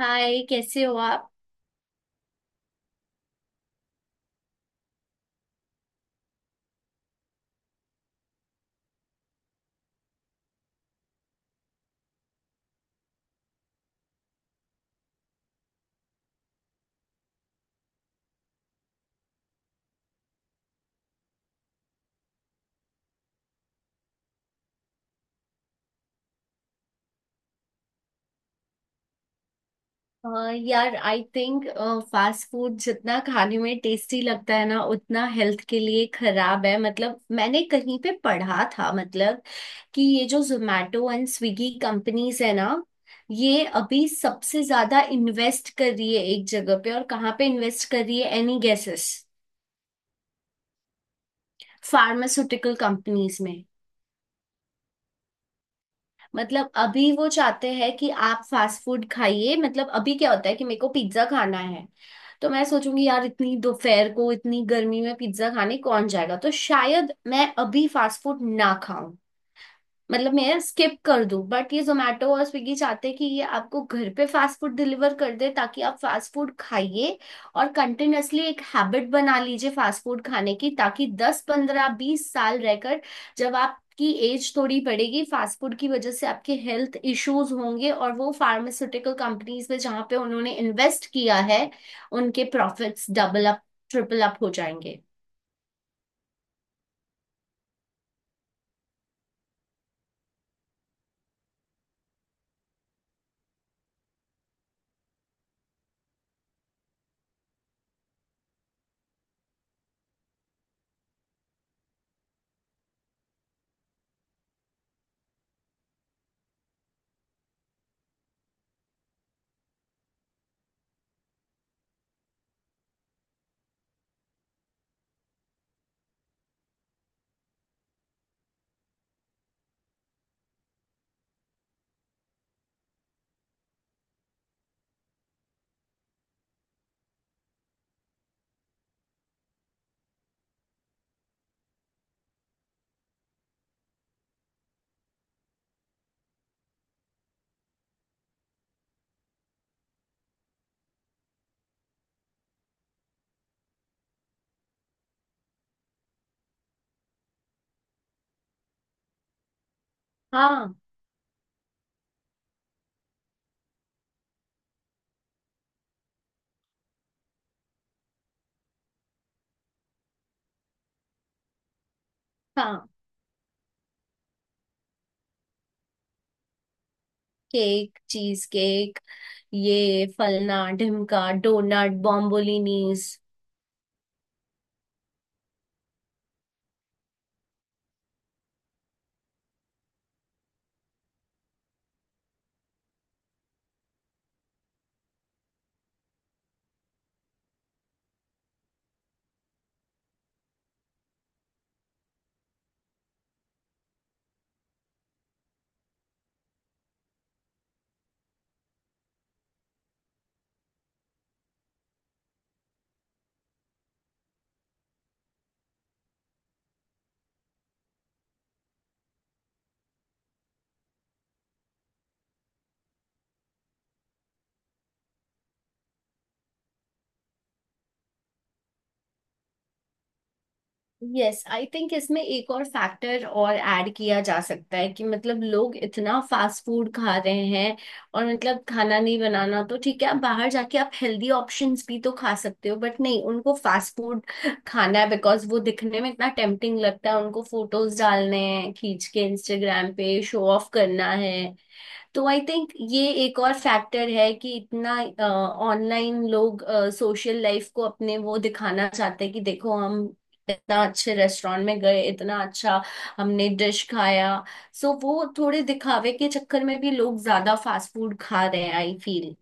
हाय, कैसे हो आप? अ, यार, आई थिंक फास्ट फूड जितना खाने में टेस्टी लगता है ना उतना हेल्थ के लिए खराब है। मतलब मैंने कहीं पे पढ़ा था मतलब कि ये जो जोमेटो एंड स्विगी कंपनीज है ना, ये अभी सबसे ज्यादा इन्वेस्ट कर रही है एक जगह पे। और कहाँ पे इन्वेस्ट कर रही है? Any guesses? फार्मास्यूटिकल कंपनीज में। मतलब अभी वो चाहते हैं कि आप फास्ट फूड खाइए। मतलब अभी क्या होता है कि मेरे को पिज्जा खाना है, तो मैं सोचूंगी यार इतनी दोपहर को इतनी गर्मी में पिज्जा खाने कौन जाएगा, तो शायद मैं अभी फास्ट फूड ना खाऊं। मतलब मैं स्किप कर दूं। बट ये जोमेटो और स्विगी चाहते हैं कि ये आपको घर पे फास्ट फूड डिलीवर कर दे ताकि आप फास्ट फूड खाइए और कंटिन्यूअसली एक हैबिट बना लीजिए फास्ट फूड खाने की। ताकि 10 15 20 साल रहकर जब आपकी एज थोड़ी बढ़ेगी, फास्ट फूड की वजह से आपके हेल्थ इश्यूज होंगे और वो फार्मास्यूटिकल कंपनीज में जहाँ पे उन्होंने इन्वेस्ट किया है उनके profits double up triple up हो जाएंगे। हाँ। हाँ। केक, चीज केक, ये फलना ढिमका donut bombolonis. Yes, I think इसमें एक और फैक्टर और ऐड किया जा सकता है कि मतलब लोग इतना फास्ट फूड खा रहे हैं। और मतलब खाना नहीं बनाना तो ठीक है, आप बाहर जाके आप हेल्दी ऑप्शंस भी तो खा सकते हो। बट नहीं, उनको फास्ट फूड खाना है बिकॉज वो दिखने में इतना टेम्पटिंग लगता है। उनको फोटोज डालने हैं खींच के, इंस्टाग्राम पे शो ऑफ करना है। तो आई थिंक ये एक और फैक्टर है कि इतना ऑनलाइन लोग सोशल लाइफ को अपने वो दिखाना चाहते हैं कि देखो हम इतना अच्छे रेस्टोरेंट में गए, इतना अच्छा हमने डिश खाया। सो वो थोड़े दिखावे के चक्कर में भी लोग ज्यादा फास्ट फूड खा रहे हैं, आई फील।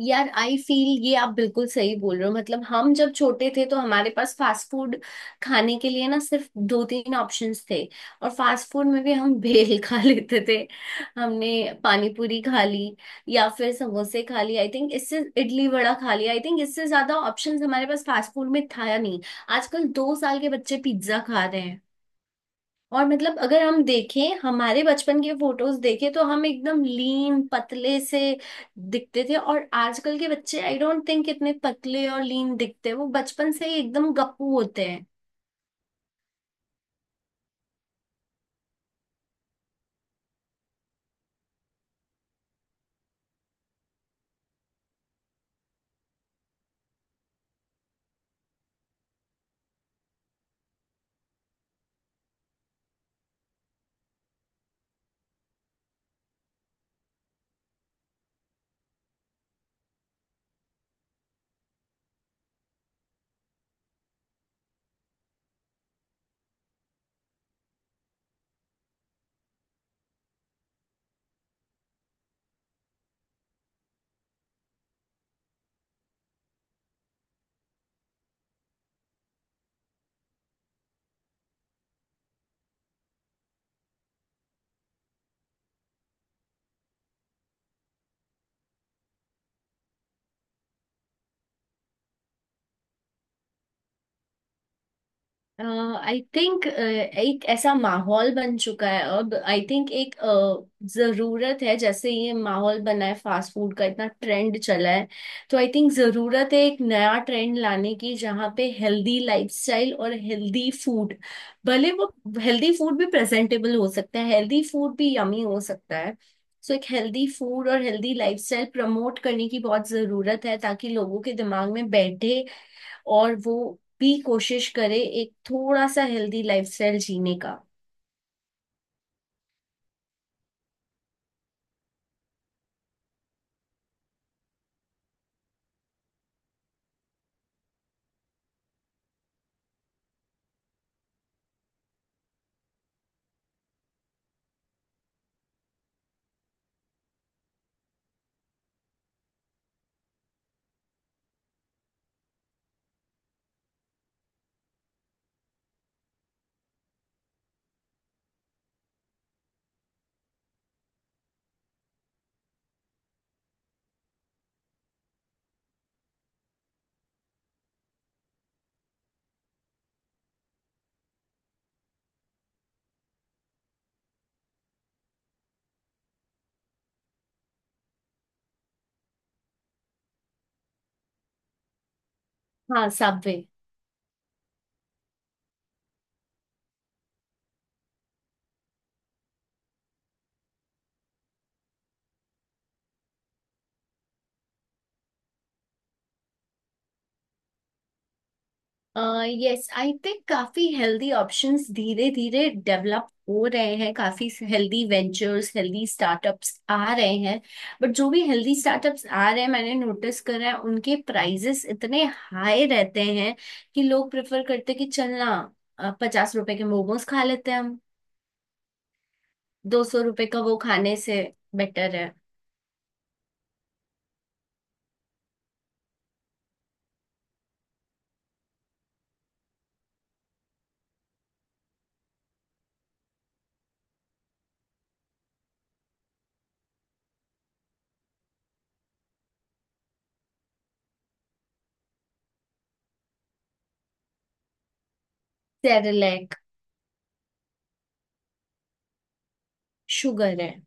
यार, आई फील ये आप बिल्कुल सही बोल रहे हो। मतलब हम जब छोटे थे तो हमारे पास फास्ट फूड खाने के लिए ना सिर्फ दो तीन ऑप्शंस थे। और फास्ट फूड में भी हम भेल खा लेते थे, हमने पानी पूरी खा ली, या फिर समोसे खा लिए आई थिंक। इससे, इडली वड़ा खा लिया आई थिंक। इससे ज्यादा ऑप्शंस हमारे पास फास्ट फूड में था या नहीं। आजकल 2 साल के बच्चे पिज्जा खा रहे हैं। और मतलब अगर हम देखें हमारे बचपन के फोटोज देखें तो हम एकदम लीन पतले से दिखते थे, और आजकल के बच्चे आई डोंट थिंक इतने पतले और लीन दिखते हैं। वो बचपन से ही एकदम गप्पू होते हैं। आई थिंक एक ऐसा माहौल बन चुका है अब। आई थिंक एक जरूरत है। जैसे ये माहौल बना है फास्ट फूड का, इतना ट्रेंड चला है, तो आई थिंक जरूरत है एक नया ट्रेंड लाने की जहाँ पे हेल्दी लाइफस्टाइल और हेल्दी फूड, भले वो हेल्दी फूड भी प्रेजेंटेबल हो सकता है, हेल्दी फूड भी यमी हो सकता है। सो एक हेल्दी फूड और हेल्दी लाइफस्टाइल प्रमोट करने की बहुत जरूरत है ताकि लोगों के दिमाग में बैठे और वो भी कोशिश करे एक थोड़ा सा हेल्दी लाइफस्टाइल जीने का। हाँ, सबवे। यस, आई थिंक काफी हेल्दी ऑप्शंस धीरे धीरे डेवलप हो रहे हैं, काफी हेल्दी वेंचर्स हेल्दी स्टार्टअप्स आ रहे हैं। बट जो भी हेल्दी स्टार्टअप्स आ रहे हैं मैंने नोटिस करा है उनके प्राइजेस इतने हाई रहते हैं कि लोग प्रेफर करते हैं कि चलना ₹50 के मोमोज खा लेते हैं हम, ₹200 का वो खाने से बेटर है। सेरेलैक। शुगर है।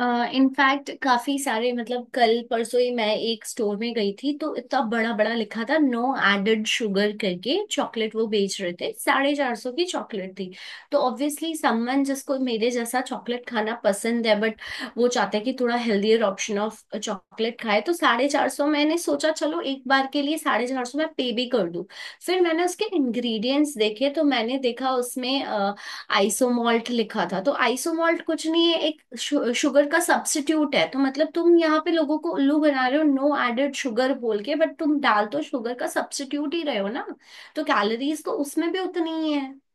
इनफैक्ट काफी सारे, मतलब कल परसों ही मैं एक स्टोर में गई थी तो इतना बड़ा बड़ा लिखा था नो एडेड शुगर करके, चॉकलेट वो बेच रहे थे, 450 की चॉकलेट थी। तो ऑब्वियसली समवन जिसको मेरे जैसा चॉकलेट खाना पसंद है बट वो चाहता है कि थोड़ा हेल्दियर ऑप्शन ऑफ चॉकलेट खाए, तो 450 मैंने सोचा चलो एक बार के लिए 450 मैं पे भी कर दूं। फिर मैंने उसके इंग्रेडिएंट्स देखे तो मैंने देखा उसमें आइसोमॉल्ट लिखा था। तो आइसोमॉल्ट कुछ नहीं है, एक शुगर का सब्स्टिट्यूट है। तो मतलब तुम यहाँ पे लोगों को उल्लू बना रहे हो नो एडेड शुगर बोल के, बट तुम डाल तो शुगर का सब्स्टिट्यूट ही रहे हो ना। तो कैलोरीज तो उसमें भी उतनी ही है।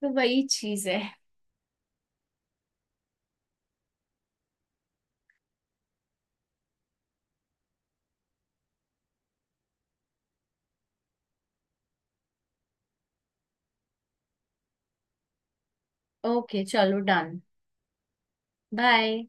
तो वही चीज है। ओके, चलो डन। बाय।